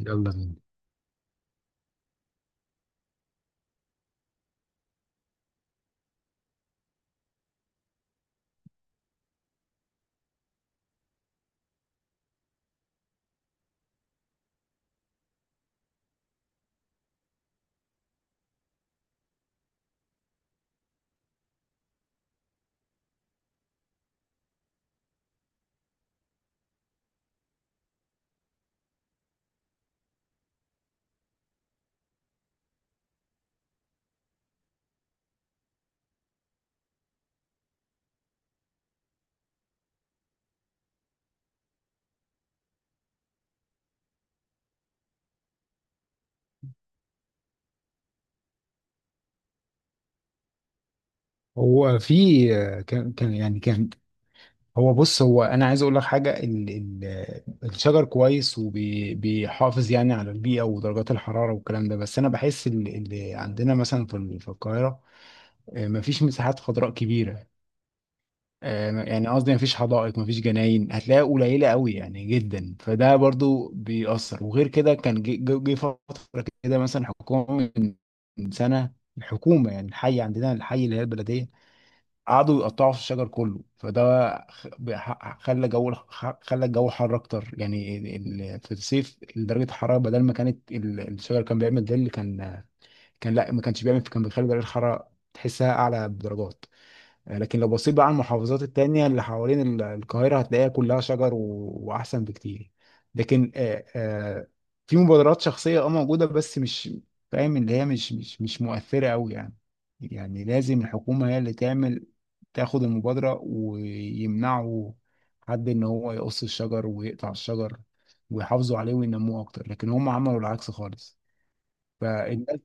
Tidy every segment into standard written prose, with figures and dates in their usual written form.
يلا بينا. هو في آه، كان كان يعني كان هو بص هو انا عايز اقول لك حاجه. ال الشجر كويس وبيحافظ يعني على البيئه ودرجات الحراره والكلام ده. بس انا بحس اللي عندنا مثلا في القاهره مفيش مساحات خضراء كبيره. يعني قصدي مفيش حدائق، مفيش جناين، هتلاقيها قليله قوي يعني جدا، فده برضو بيأثر. وغير كده كان جه فتره كده، مثلا حكومه من من سنه، الحكومه يعني الحي عندنا، الحي اللي هي البلديه، قعدوا يقطعوا في الشجر كله. خلى خلى الجو حر اكتر، يعني في الصيف درجه الحراره، بدل ما كانت الشجر كان بيعمل ظل، كان كان لا ما كانش بيعمل، كان بيخلي درجه الحراره تحسها اعلى بدرجات. لكن لو بصيت بقى على المحافظات التانية اللي حوالين القاهرة، هتلاقيها كلها شجر و... وأحسن بكتير. لكن في مبادرات شخصية اه موجودة، بس مش فاهم اللي هي مش مؤثرة أوي يعني. يعني لازم الحكومة هي اللي تعمل، تاخد المبادرة، ويمنعوا حد إن هو يقص الشجر ويقطع الشجر، ويحافظوا عليه وينموه أكتر. لكن هم عملوا العكس خالص. فالناس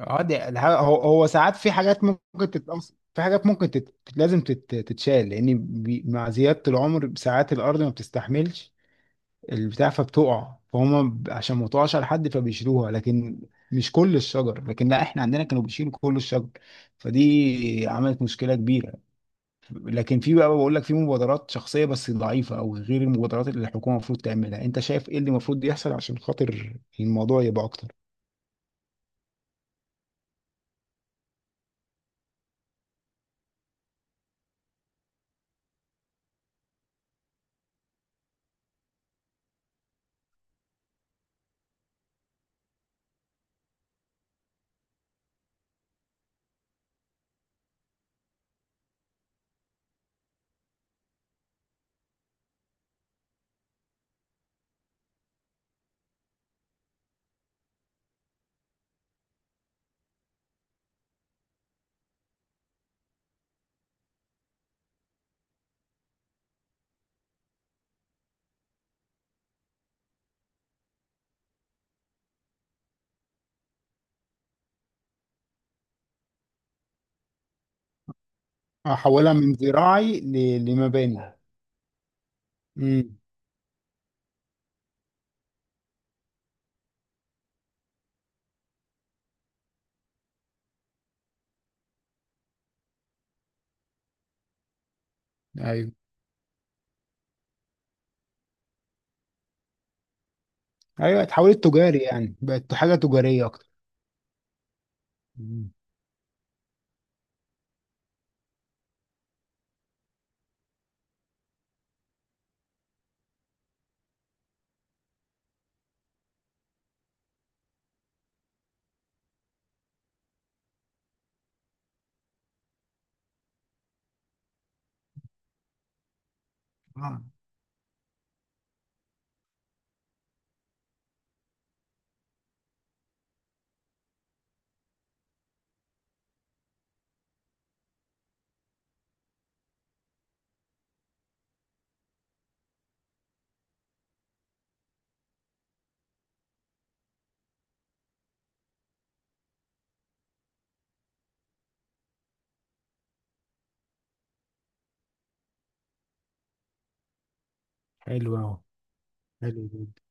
اه دي الح- هو هو ساعات في حاجات ممكن تتأثر، في حاجات ممكن لازم تتشال، لان مع زيادة العمر ساعات الارض ما بتستحملش البتاع فبتقع. عشان ما تقعش على حد، فبيشيلوها. لكن مش كل الشجر، لكن لا احنا عندنا كانوا بيشيلوا كل الشجر، فدي عملت مشكلة كبيرة. لكن في بقى، بقول لك في مبادرات شخصية بس ضعيفة، او غير المبادرات اللي الحكومة المفروض تعملها. انت شايف ايه اللي المفروض يحصل عشان خاطر الموضوع يبقى اكتر؟ احولها من زراعي لمباني. امم. ايوه ايوه، اتحولت تجاري، يعني بقت حاجه تجاريه اكتر. مم. اه. حلو اهو. حلو جدا.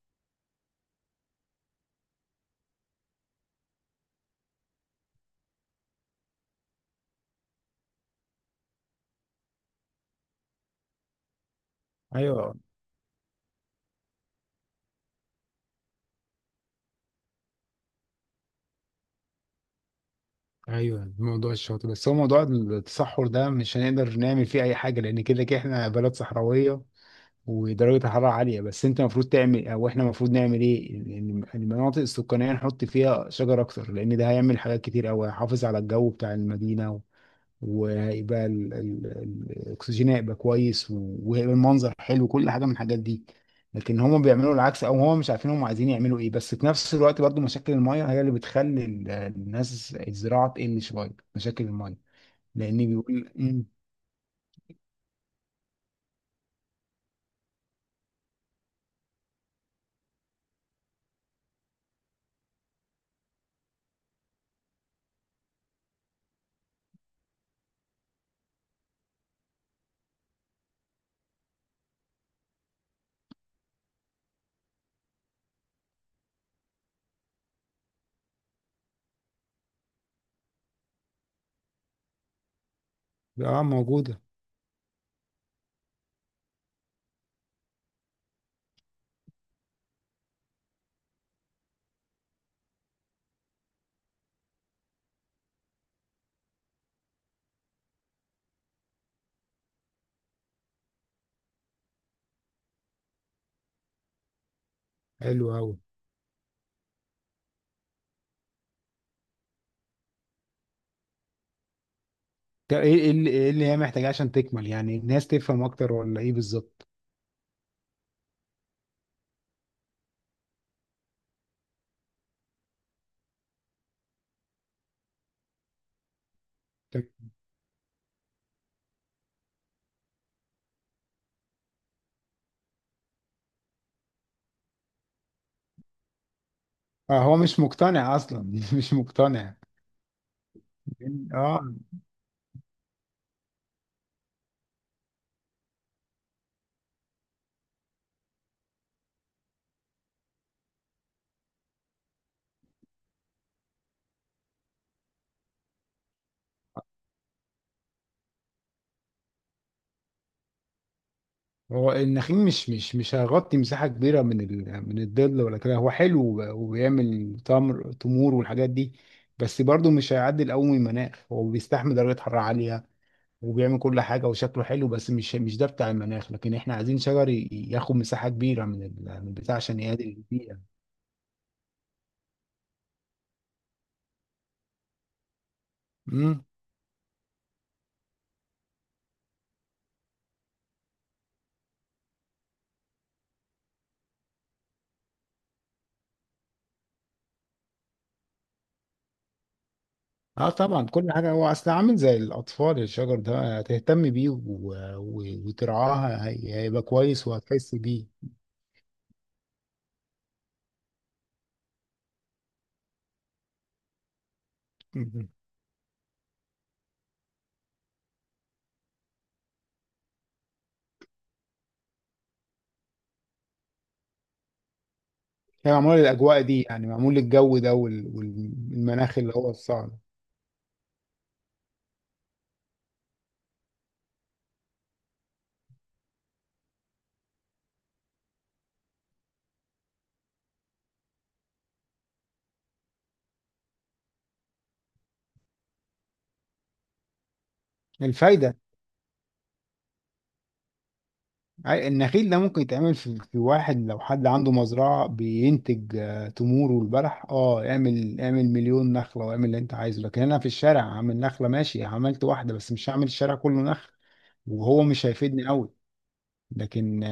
ايوه ايوه، موضوع الشاطئ. بس هو موضوع التصحر ده مش هنقدر نعمل فيه اي حاجه، لان كده كده احنا بلد صحراويه ودرجه الحراره عاليه. بس انت المفروض تعمل او احنا المفروض نعمل ايه؟ إن المناطق السكانيه نحط فيها شجر اكتر، لان ده هيعمل حاجات كتير قوي، هيحافظ على الجو بتاع المدينه، وهيبقى الاكسجين هيبقى كويس، وهيبقى المنظر حلو، كل حاجه من الحاجات دي. لكن هم بيعملوا العكس، او هم مش عارفين هم عايزين يعملوا ايه. بس في نفس الوقت برضو مشاكل الميه هي اللي بتخلي الناس الزراعه تقل شويه، مشاكل الميه. لان بيقول مم. اه، موجوده. حلو قوي. طب ايه إيه اللي هي محتاجاه عشان تكمل؟ يعني الناس تفهم اكتر ولا ايه بالظبط؟ اه، هو مش مقتنع اصلا. مش مقتنع. اه، هو النخيل مش هيغطي مساحة كبيرة من الظل ولا كده. هو حلو، وبيعمل تمر، تمور والحاجات دي، بس برضه مش هيعدل قوي من المناخ. هو بيستحمل درجة حرارة عالية وبيعمل كل حاجة وشكله حلو، بس مش ده بتاع المناخ. لكن احنا عايزين شجر ياخد مساحة كبيرة من البتاع عشان يعادل البيئة. امم. اه طبعا، كل حاجة هو اصل عامل زي الأطفال. الشجر ده هتهتم بيه و... و... وترعاه، هيبقى كويس وهتحس بيه. هي معمولة للأجواء دي، يعني معمول للجو ده والمناخ اللي هو الصعب. الفايدة. النخيل ده ممكن يتعمل في واحد لو حد عنده مزرعة بينتج تمور والبلح. اه، اعمل 1000000 نخلة واعمل اللي انت عايزه. لكن انا في الشارع عامل نخلة، ماشي عملت واحدة، بس مش هعمل الشارع كله نخل، وهو مش هيفيدني قوي. لكن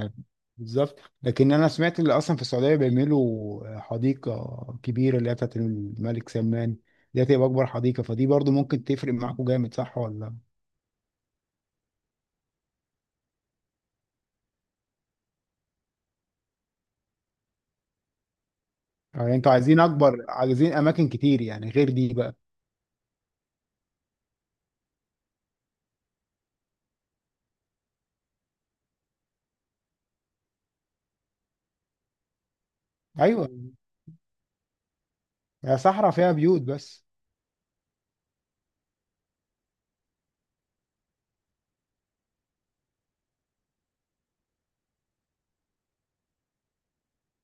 بالظبط. لكن انا سمعت اللي اصلا في السعوديه بيعملوا حديقه كبيره اللي هي بتاعت الملك سلمان، دي هتبقى اكبر حديقه، فدي برضو ممكن تفرق معاكم جامد، صح ولا؟ يعني انتوا عايزين اكبر، عايزين اماكن كتير يعني غير دي بقى. ايوه، يا صحراء فيها بيوت بس.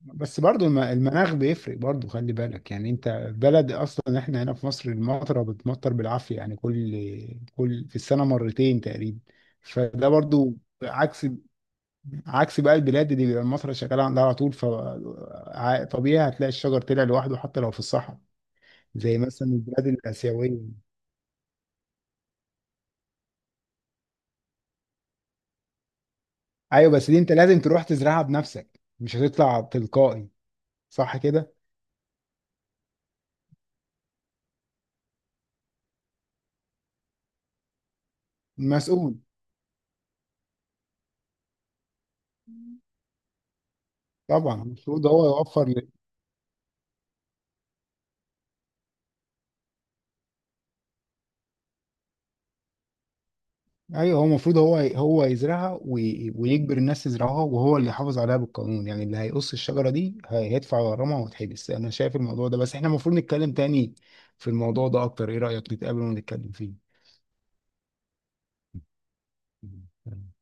بس برضو المناخ بيفرق برضو، خلي بالك. يعني انت بلد، اصلا احنا هنا في مصر المطره بتمطر بالعافيه، يعني كل في السنه 2 مرات تقريبا، فده برضو عكس. بقى البلاد دي بيبقى المصري شغال عندها على طول، فطبيعي هتلاقي الشجر طلع لوحده حتى لو في الصحراء، زي مثلا البلاد الآسيوية. أيوة بس دي أنت لازم تروح تزرعها بنفسك، مش هتطلع تلقائي، صح كده؟ المسؤول. طبعا المفروض هو يوفر ايوه. هو المفروض هو يزرعها ويجبر الناس تزرعها، وهو اللي يحافظ عليها بالقانون. يعني اللي هيقص الشجره دي هيدفع غرامه ويتحبس، انا شايف الموضوع ده. بس احنا المفروض نتكلم تاني في الموضوع ده اكتر، ايه رايك نتقابل ونتكلم فيه؟